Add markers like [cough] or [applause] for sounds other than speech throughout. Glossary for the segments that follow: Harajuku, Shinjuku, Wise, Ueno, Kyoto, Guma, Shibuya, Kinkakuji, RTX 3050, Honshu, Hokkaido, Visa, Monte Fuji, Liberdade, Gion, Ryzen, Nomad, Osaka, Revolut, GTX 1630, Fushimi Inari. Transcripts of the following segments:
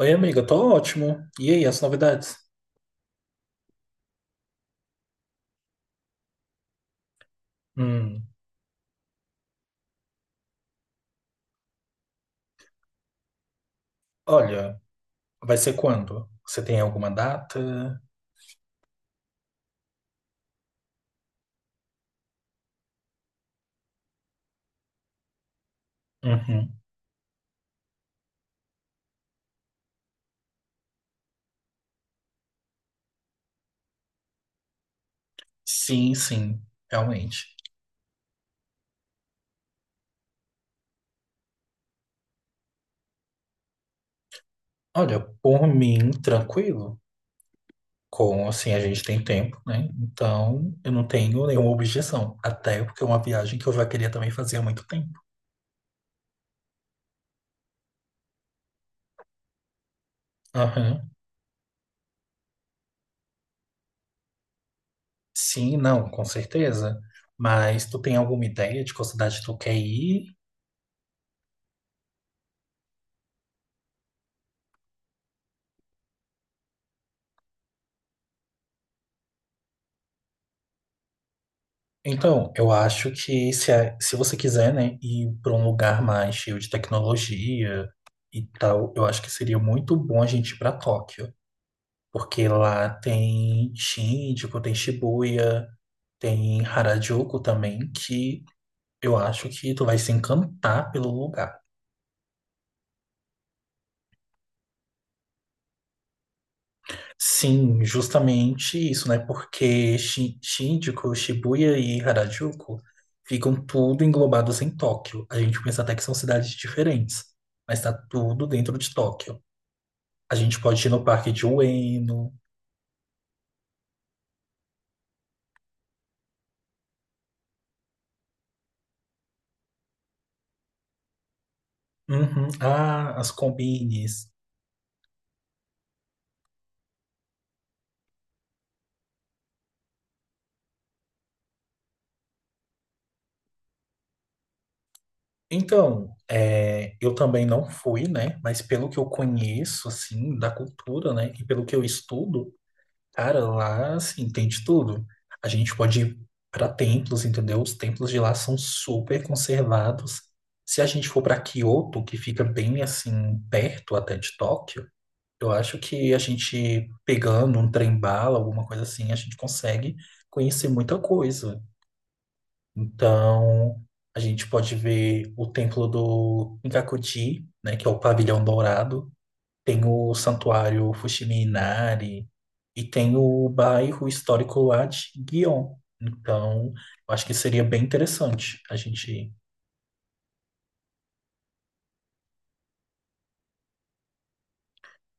Oi, amiga, tô ótimo. E aí, as novidades? Hum, olha, vai ser quando? Você tem alguma data? Uhum. Sim, sim, realmente. Olha, por mim, tranquilo. Como assim a gente tem tempo, né? Então, eu não tenho nenhuma objeção. Até porque é uma viagem que eu já queria também fazer há muito tempo. Aham. Sim, não, com certeza. Mas tu tem alguma ideia de qual cidade tu quer ir? Então, eu acho que se você quiser, né, ir para um lugar mais cheio de tecnologia e tal, eu acho que seria muito bom a gente ir para Tóquio, porque lá tem Shinjuku, tem Shibuya, tem Harajuku também, que eu acho que tu vai se encantar pelo lugar. Sim, justamente isso, né? Porque Shinjuku, Shibuya e Harajuku ficam tudo englobados em Tóquio. A gente pensa até que são cidades diferentes, mas tá tudo dentro de Tóquio. A gente pode ir no parque de Ueno. Uhum. Ah, as combines. Então, é, eu também não fui, né? Mas pelo que eu conheço, assim, da cultura, né? E pelo que eu estudo, cara, lá, assim, tem de tudo. A gente pode ir para templos, entendeu? Os templos de lá são super conservados. Se a gente for para Kyoto, que fica bem, assim, perto até de Tóquio, eu acho que a gente pegando um trem-bala, alguma coisa assim, a gente consegue conhecer muita coisa. Então, a gente pode ver o templo do Kinkakuji, né, que é o pavilhão dourado. Tem o Santuário Fushimi Inari e tem o bairro histórico lá de Gion. Então, eu acho que seria bem interessante a gente ir.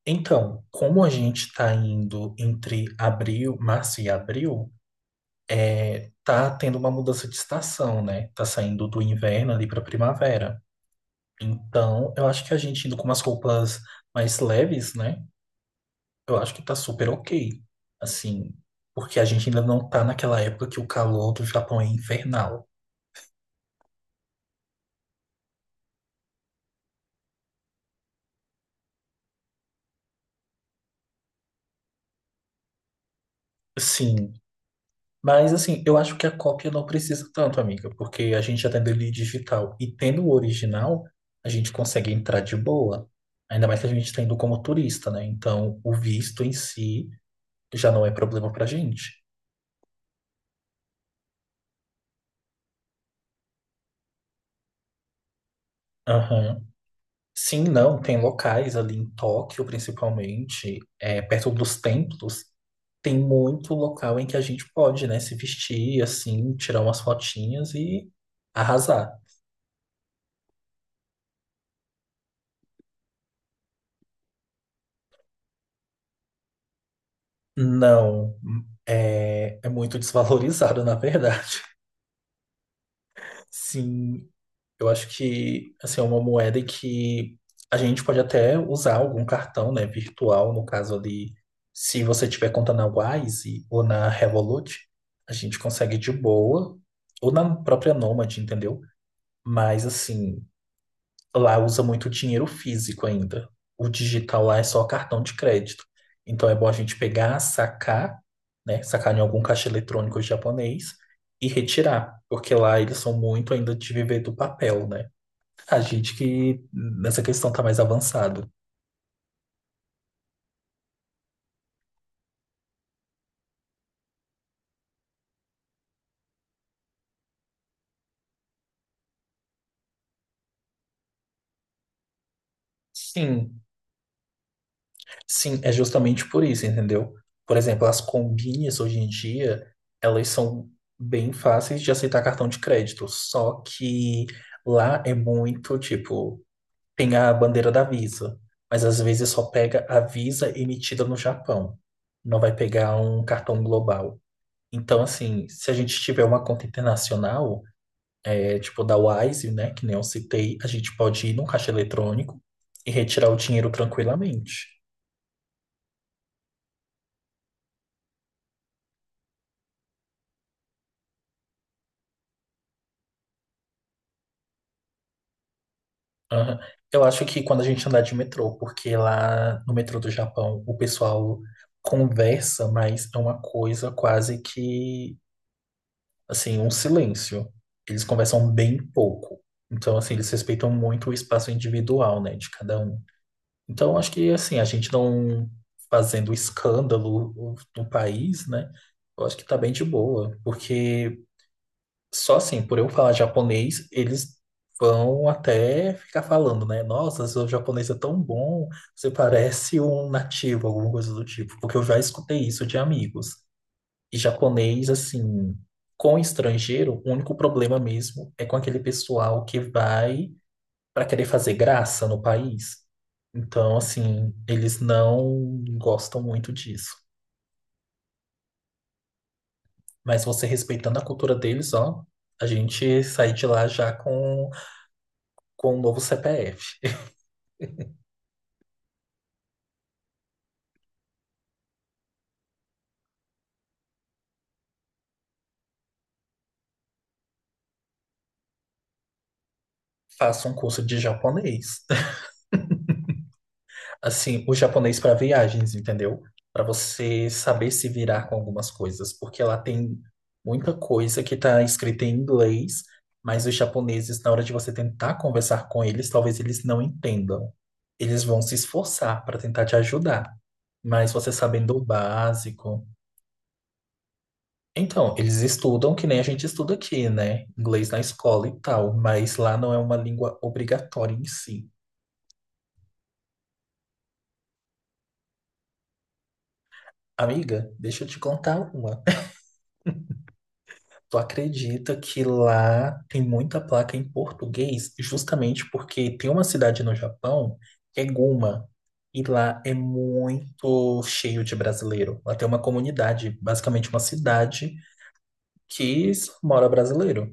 Então, como a gente está indo entre abril, março e abril, tá tendo uma mudança de estação, né? Tá saindo do inverno ali para primavera. Então, eu acho que a gente indo com umas roupas mais leves, né? Eu acho que tá super ok. Assim, porque a gente ainda não tá naquela época que o calor do Japão é infernal. Sim, mas assim, eu acho que a cópia não precisa tanto, amiga, porque a gente já tendo ele digital e tendo o original, a gente consegue entrar de boa. Ainda mais que a gente está indo como turista, né? Então, o visto em si já não é problema pra gente. Aham. Sim, não, tem locais ali em Tóquio, principalmente, é, perto dos templos, tem muito local em que a gente pode, né, se vestir assim, tirar umas fotinhas e arrasar. Não, é, é muito desvalorizado, na verdade. [laughs] Sim, eu acho que assim, é uma moeda que a gente pode até usar algum cartão, né, virtual, no caso ali, se você tiver conta na Wise ou na Revolut, a gente consegue de boa, ou na própria Nomad, entendeu? Mas assim, lá usa muito dinheiro físico ainda. O digital lá é só cartão de crédito. Então é bom a gente pegar, sacar, né? Sacar em algum caixa eletrônico japonês e retirar, porque lá eles são muito ainda de viver do papel, né? A gente que nessa questão tá mais avançado. Sim, sim, é justamente por isso, entendeu? Por exemplo, as combinhas hoje em dia, elas são bem fáceis de aceitar cartão de crédito, só que lá é muito tipo tem a bandeira da Visa, mas às vezes só pega a Visa emitida no Japão. Não vai pegar um cartão global. Então, assim, se a gente tiver uma conta internacional, é tipo da Wise, né, que nem eu citei, a gente pode ir num caixa eletrônico e retirar o dinheiro tranquilamente. Aham. Eu acho que quando a gente andar de metrô, porque lá no metrô do Japão o pessoal conversa, mas é uma coisa quase que assim, um silêncio. Eles conversam bem pouco. Então, assim, eles respeitam muito o espaço individual, né, de cada um. Então, acho que, assim, a gente não fazendo escândalo no país, né, eu acho que tá bem de boa. Porque só assim, por eu falar japonês, eles vão até ficar falando, né, nossa, seu japonês é tão bom, você parece um nativo, alguma coisa do tipo. Porque eu já escutei isso de amigos japonês, assim, com estrangeiro, o único problema mesmo é com aquele pessoal que vai para querer fazer graça no país. Então, assim, eles não gostam muito disso. Mas você respeitando a cultura deles, ó, a gente sai de lá já com, um novo CPF. [laughs] Faça um curso de japonês. [laughs] Assim, o japonês para viagens, entendeu? Para você saber se virar com algumas coisas, porque lá tem muita coisa que está escrita em inglês, mas os japoneses, na hora de você tentar conversar com eles, talvez eles não entendam. Eles vão se esforçar para tentar te ajudar, mas você sabendo o básico. Então, eles estudam que nem a gente estuda aqui, né? Inglês na escola e tal, mas lá não é uma língua obrigatória em si. Amiga, deixa eu te contar uma. Tu acredita que lá tem muita placa em português, justamente porque tem uma cidade no Japão que é Guma, e lá é muito cheio de brasileiro. Lá tem uma comunidade, basicamente uma cidade que só mora brasileiro.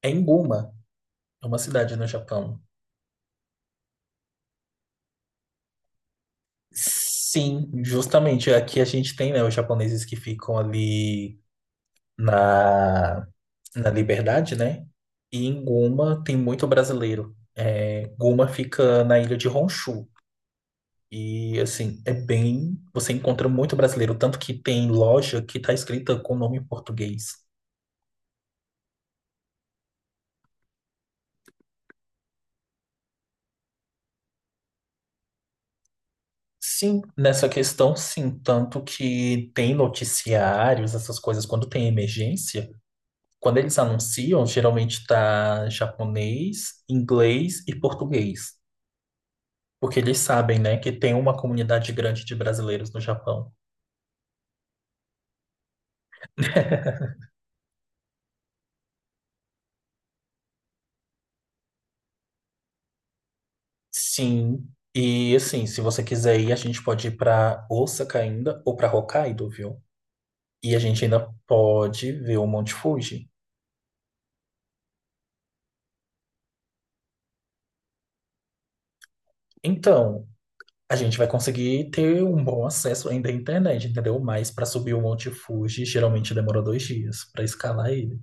É em Guma, é uma cidade no Japão. Sim, justamente aqui a gente tem, né, os japoneses que ficam ali na na Liberdade, né? E em Guma tem muito brasileiro. É, Guma fica na ilha de Honshu. E assim, é bem. Você encontra muito brasileiro, tanto que tem loja que tá escrita com nome em português. Sim, nessa questão, sim. Tanto que tem noticiários, essas coisas, quando tem emergência, quando eles anunciam, geralmente tá japonês, inglês e português. Porque eles sabem, né, que tem uma comunidade grande de brasileiros no Japão. Sim. E assim, se você quiser ir, a gente pode ir pra Osaka ainda ou pra Hokkaido, viu? E a gente ainda pode ver o Monte Fuji. Então, a gente vai conseguir ter um bom acesso ainda à internet, entendeu? Mas para subir o Monte Fuji, geralmente demora 2 dias para escalar ele.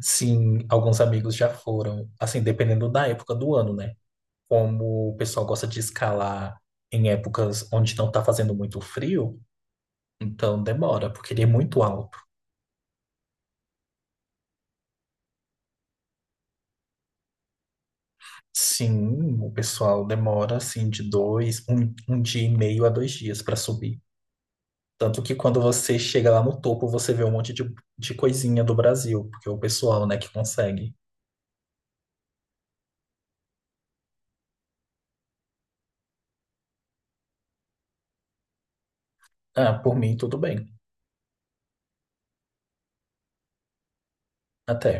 Sim, alguns amigos já foram, assim, dependendo da época do ano, né? Como o pessoal gosta de escalar em épocas onde não tá fazendo muito frio, então demora, porque ele é muito alto. Sim, o pessoal demora assim de dois, um dia e meio a 2 dias para subir. Tanto que quando você chega lá no topo, você vê um monte de, coisinha do Brasil, porque é o pessoal, né, que consegue. Ah, por mim, tudo bem. Até.